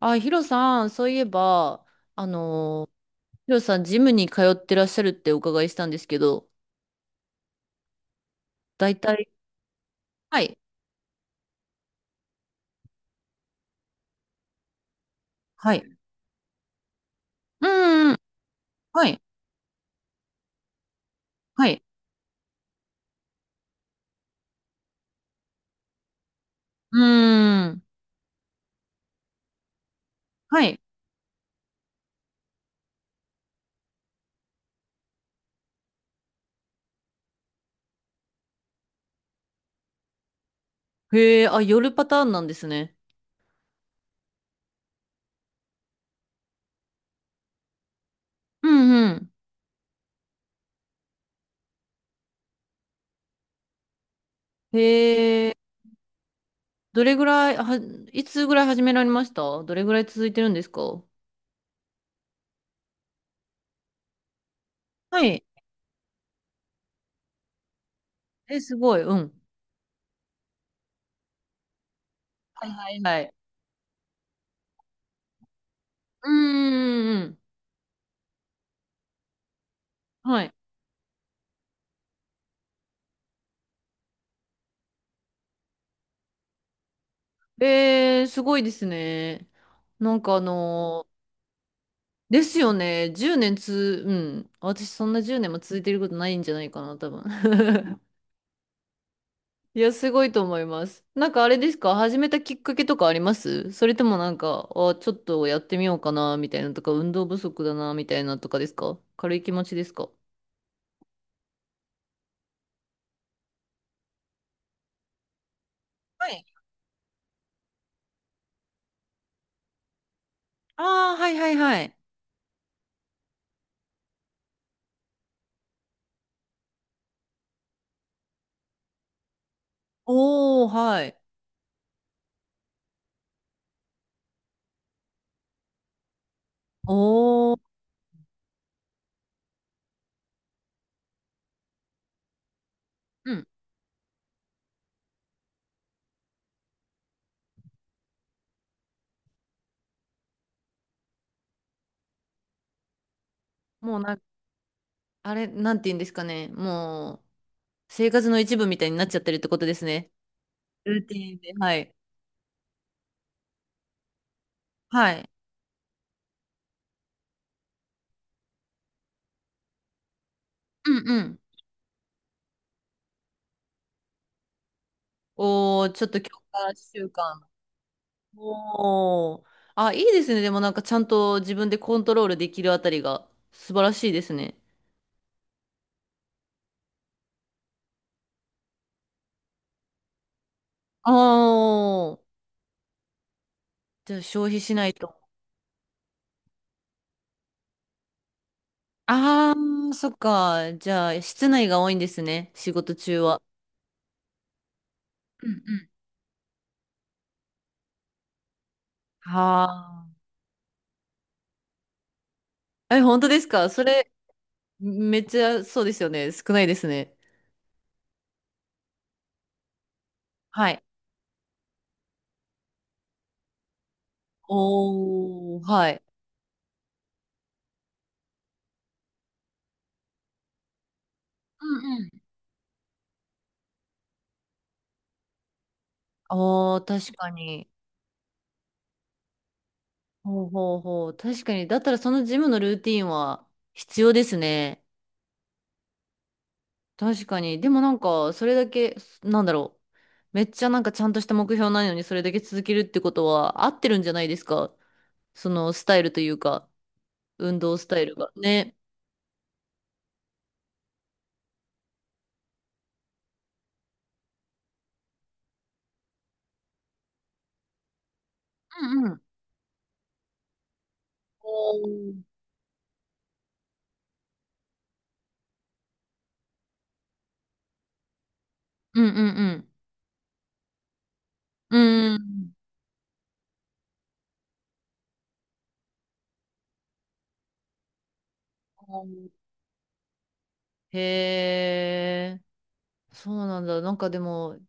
あ、ヒロさん、そういえば、あのヒロさん、ジムに通ってらっしゃるってお伺いしたんですけど、大体、はい、はい、うんうん、はい、はい、うん、はい。へえ、あ、夜パターンなんですね。うんうん。へえ、どれぐらい、は、いつぐらい始められました？どれぐらい続いてるんですか？はい。え、すごい、うん。はいはいはい。うんうんうんうん。はい。えー、すごいですね。なんかあのですよね。10年つ、うん。私そんな10年も続いてることないんじゃないかな、多分。いや、すごいと思います。なんかあれですか？始めたきっかけとかあります？それともなんか、あ、ちょっとやってみようかな、みたいなとか、運動不足だな、みたいなとかですか？軽い気持ちですか？はい。ああ、はいはいはい。おー、はい。おー、うん。もうな、あれ、なんて言うんですかね。もう、生活の一部みたいになっちゃってるってことですね。ルーティンで。はい。はい。うんうん。おー、ちょっと強化習慣。おー。あ、いいですね。でもなんかちゃんと自分でコントロールできるあたりが素晴らしいですね。ああ、じゃあ消費しないと。ああ、そっか。じゃあ室内が多いんですね。仕事中は。うんうん、はあ。え、本当ですか？それ、めっちゃそうですよね。少ないですね。はい。おー、はい。うんうん。おー、確かに。ほうほうほう。確かに。だったらそのジムのルーティンは必要ですね。確かに。でもなんか、それだけ、なんだろう。めっちゃなんかちゃんとした目標ないのにそれだけ続けるってことは合ってるんじゃないですか？そのスタイルというか、運動スタイルが。ね。うんうん。おー、うんうんうん。うん。へえ、そうなんだ。なんかでも、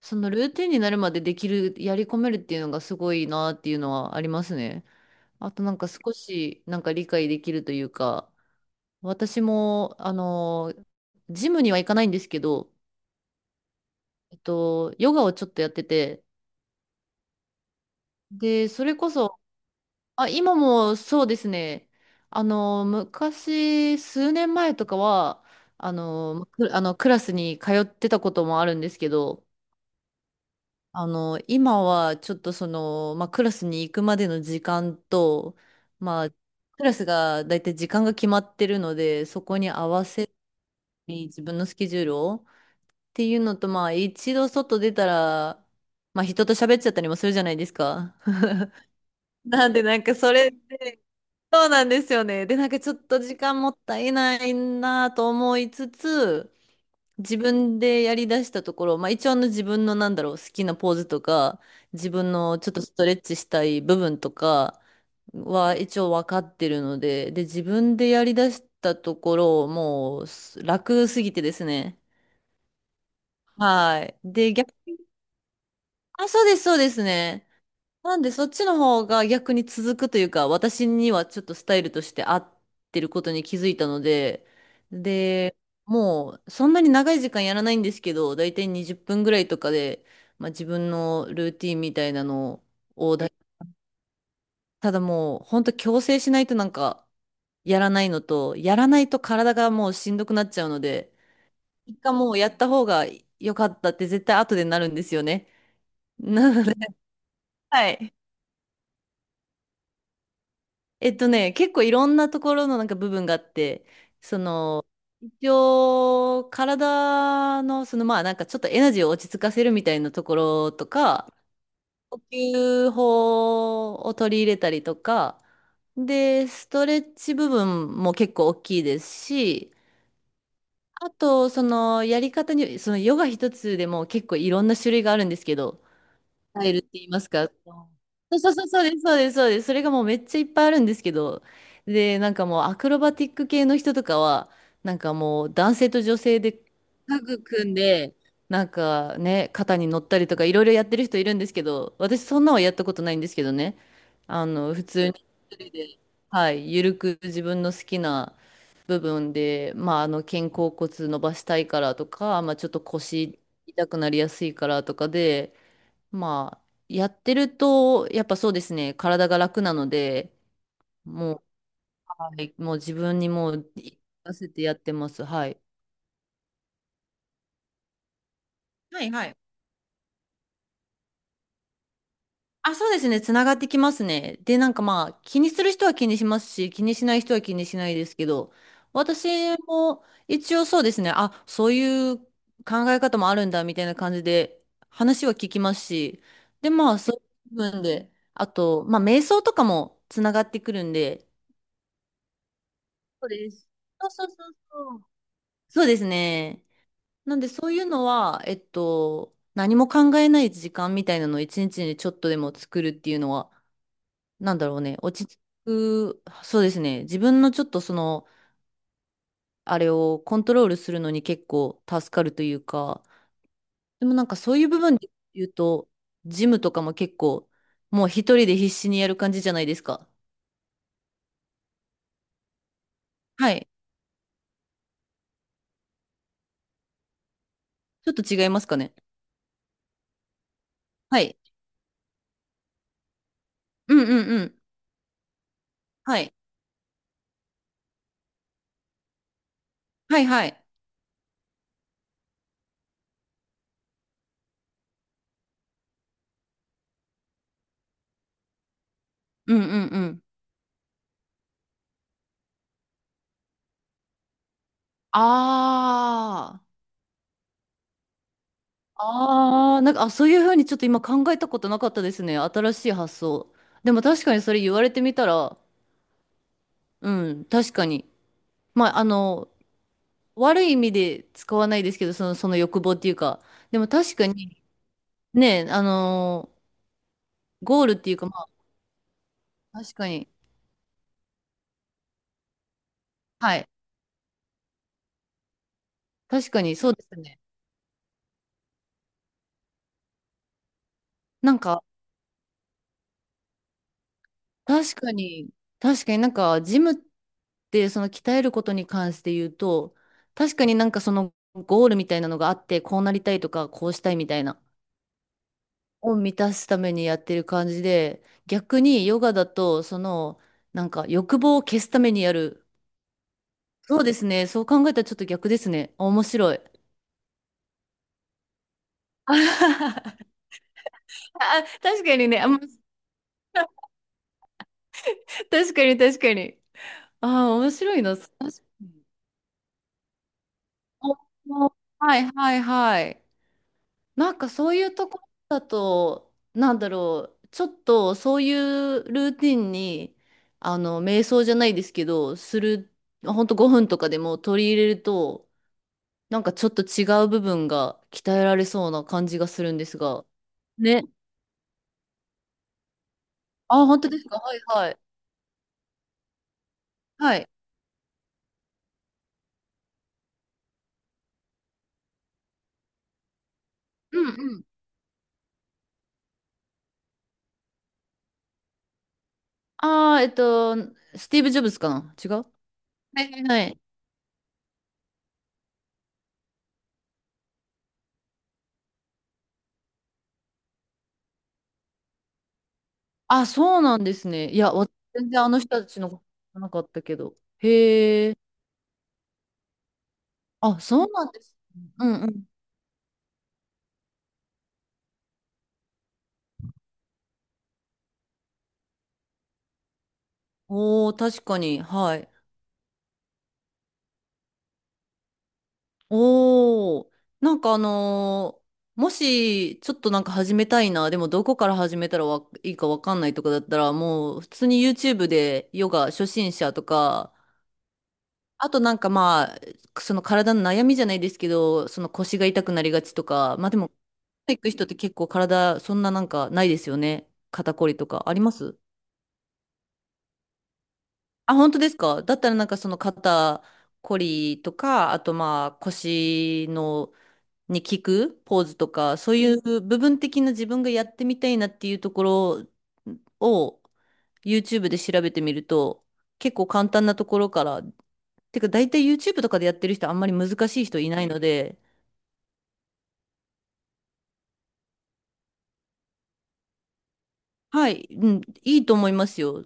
そのルーティンになるまでできる、やり込めるっていうのがすごいなっていうのはありますね。あとなんか少しなんか理解できるというか、私も、ジムには行かないんですけど、ヨガをちょっとやってて、で、それこそ、あ、今もそうですね、昔、数年前とかは、く、あのクラスに通ってたこともあるんですけど、今はちょっとその、まあ、クラスに行くまでの時間と、まあ、クラスがだいたい時間が決まってるので、そこに合わせに自分のスケジュールをっていうのと、まあ一度外出たら、まあ人と喋っちゃったりもするじゃないですか。なんでなんかそれで、そうなんですよね。で、なんかちょっと時間もったいないなと思いつつ、自分でやり出したところ、まあ一応あの自分のなんだろう、好きなポーズとか、自分のちょっとストレッチしたい部分とかは一応分かってるので、で、自分でやり出したところ、もう楽すぎてですね。はい。で、逆、あ、そうです、そうですね。なんで、そっちの方が逆に続くというか、私にはちょっとスタイルとして合ってることに気づいたので、で、もう、そんなに長い時間やらないんですけど、だいたい20分ぐらいとかで、まあ、自分のルーティンみたいなのをだ、ただもう、ほんと強制しないとなんか、やらないのと、やらないと体がもうしんどくなっちゃうので、一回もうやった方が良かったって絶対後でなるんですよね。なので、はい。結構いろんなところのなんか部分があって、一応、体の、そのまあなんかちょっとエナジーを落ち着かせるみたいなところとか、呼吸法を取り入れたりとか、で、ストレッチ部分も結構大きいですし、あと、そのやり方に、そのヨガ一つでも結構いろんな種類があるんですけど、タイルって言いますか。そうそうそうそうです、そうです、そうです。それがもうめっちゃいっぱいあるんですけど、で、なんかもうアクロバティック系の人とかは、なんかもう男性と女性でタッグ組んで、なんかね、肩に乗ったりとかいろいろやってる人いるんですけど、私そんなはやったことないんですけどね、普通に一人で、はい、ゆるく自分の好きな部分で、まあ、肩甲骨伸ばしたいからとか、まあ、ちょっと腰痛くなりやすいからとかで、まあ、やってると、やっぱそうですね、体が楽なので、もう、はい、もう自分にもう、出せてやってます。はい。はいはい。あ、そうですね、つながってきますね。で、なんかまあ、気にする人は気にしますし、気にしない人は気にしないですけど、私も一応そうですね、あ、そういう考え方もあるんだ、みたいな感じで、話は聞きますし、で、まあ、そういう部分で、あと、まあ、瞑想とかもつながってくるんで、そうです。そうそうそうそう。そうですね。なんでそういうのは、何も考えない時間みたいなのを一日にちょっとでも作るっていうのは、なんだろうね、落ち着く、そうですね。自分のちょっとその、あれをコントロールするのに結構助かるというか、でもなんかそういう部分で言うと、ジムとかも結構、もう一人で必死にやる感じじゃないですか。はい。ちょっと違いますかね。はい。うんうんうん。はい。はいはい。うんうんうん。ああ、ああ、なんか、あ、そういうふうにちょっと今考えたことなかったですね。新しい発想。でも確かにそれ言われてみたら、うん、確かに。まあ、悪い意味で使わないですけど、その、その欲望っていうか。でも確かに、ね、ゴールっていうか、まあ、確かに。はい。確かに、そうですね。なんか、確かに、確かになんか、ジムって、その鍛えることに関して言うと、確かになんかそのゴールみたいなのがあって、こうなりたいとか、こうしたいみたいな、を満たすためにやってる感じで、逆にヨガだと、その、なんか欲望を消すためにやる。そうですね。そう考えたらちょっと逆ですね。あ、面白い。あはははあ、確かにね。あ、ま、確かに確かに。ああ、面白いな。確かにお、お、はいはいはい。なんかそういうところだと、なんだろう、ちょっとそういうルーティンに、瞑想じゃないですけど、する、ほんと5分とかでも取り入れると、なんかちょっと違う部分が鍛えられそうな感じがするんですが。ね。あ、本当ですか？はいはい。はい。うんうん。ああ、スティーブ・ジョブズかな？違う？はいはいはい。あ、そうなんですね。いや、わ、全然あの人たちのこと知らなかったけど。へえ。あ、そうなんです。うんうん。おー、確かに。はい。おー、なんかあのーもし、ちょっとなんか始めたいな、でもどこから始めたらわいいかわかんないとかだったら、もう普通に YouTube でヨガ初心者とか、あとなんかまあ、その体の悩みじゃないですけど、その腰が痛くなりがちとか、まあでも、行く人って結構体、そんななんかないですよね。肩こりとか。あります？あ、本当ですか？だったらなんかその肩こりとか、あとまあ腰のに効くポーズとか、そういう部分的な自分がやってみたいなっていうところを YouTube で調べてみると、結構簡単なところから、てか大体 YouTube とかでやってる人あんまり難しい人いないので、はい、うん、いいと思いますよ。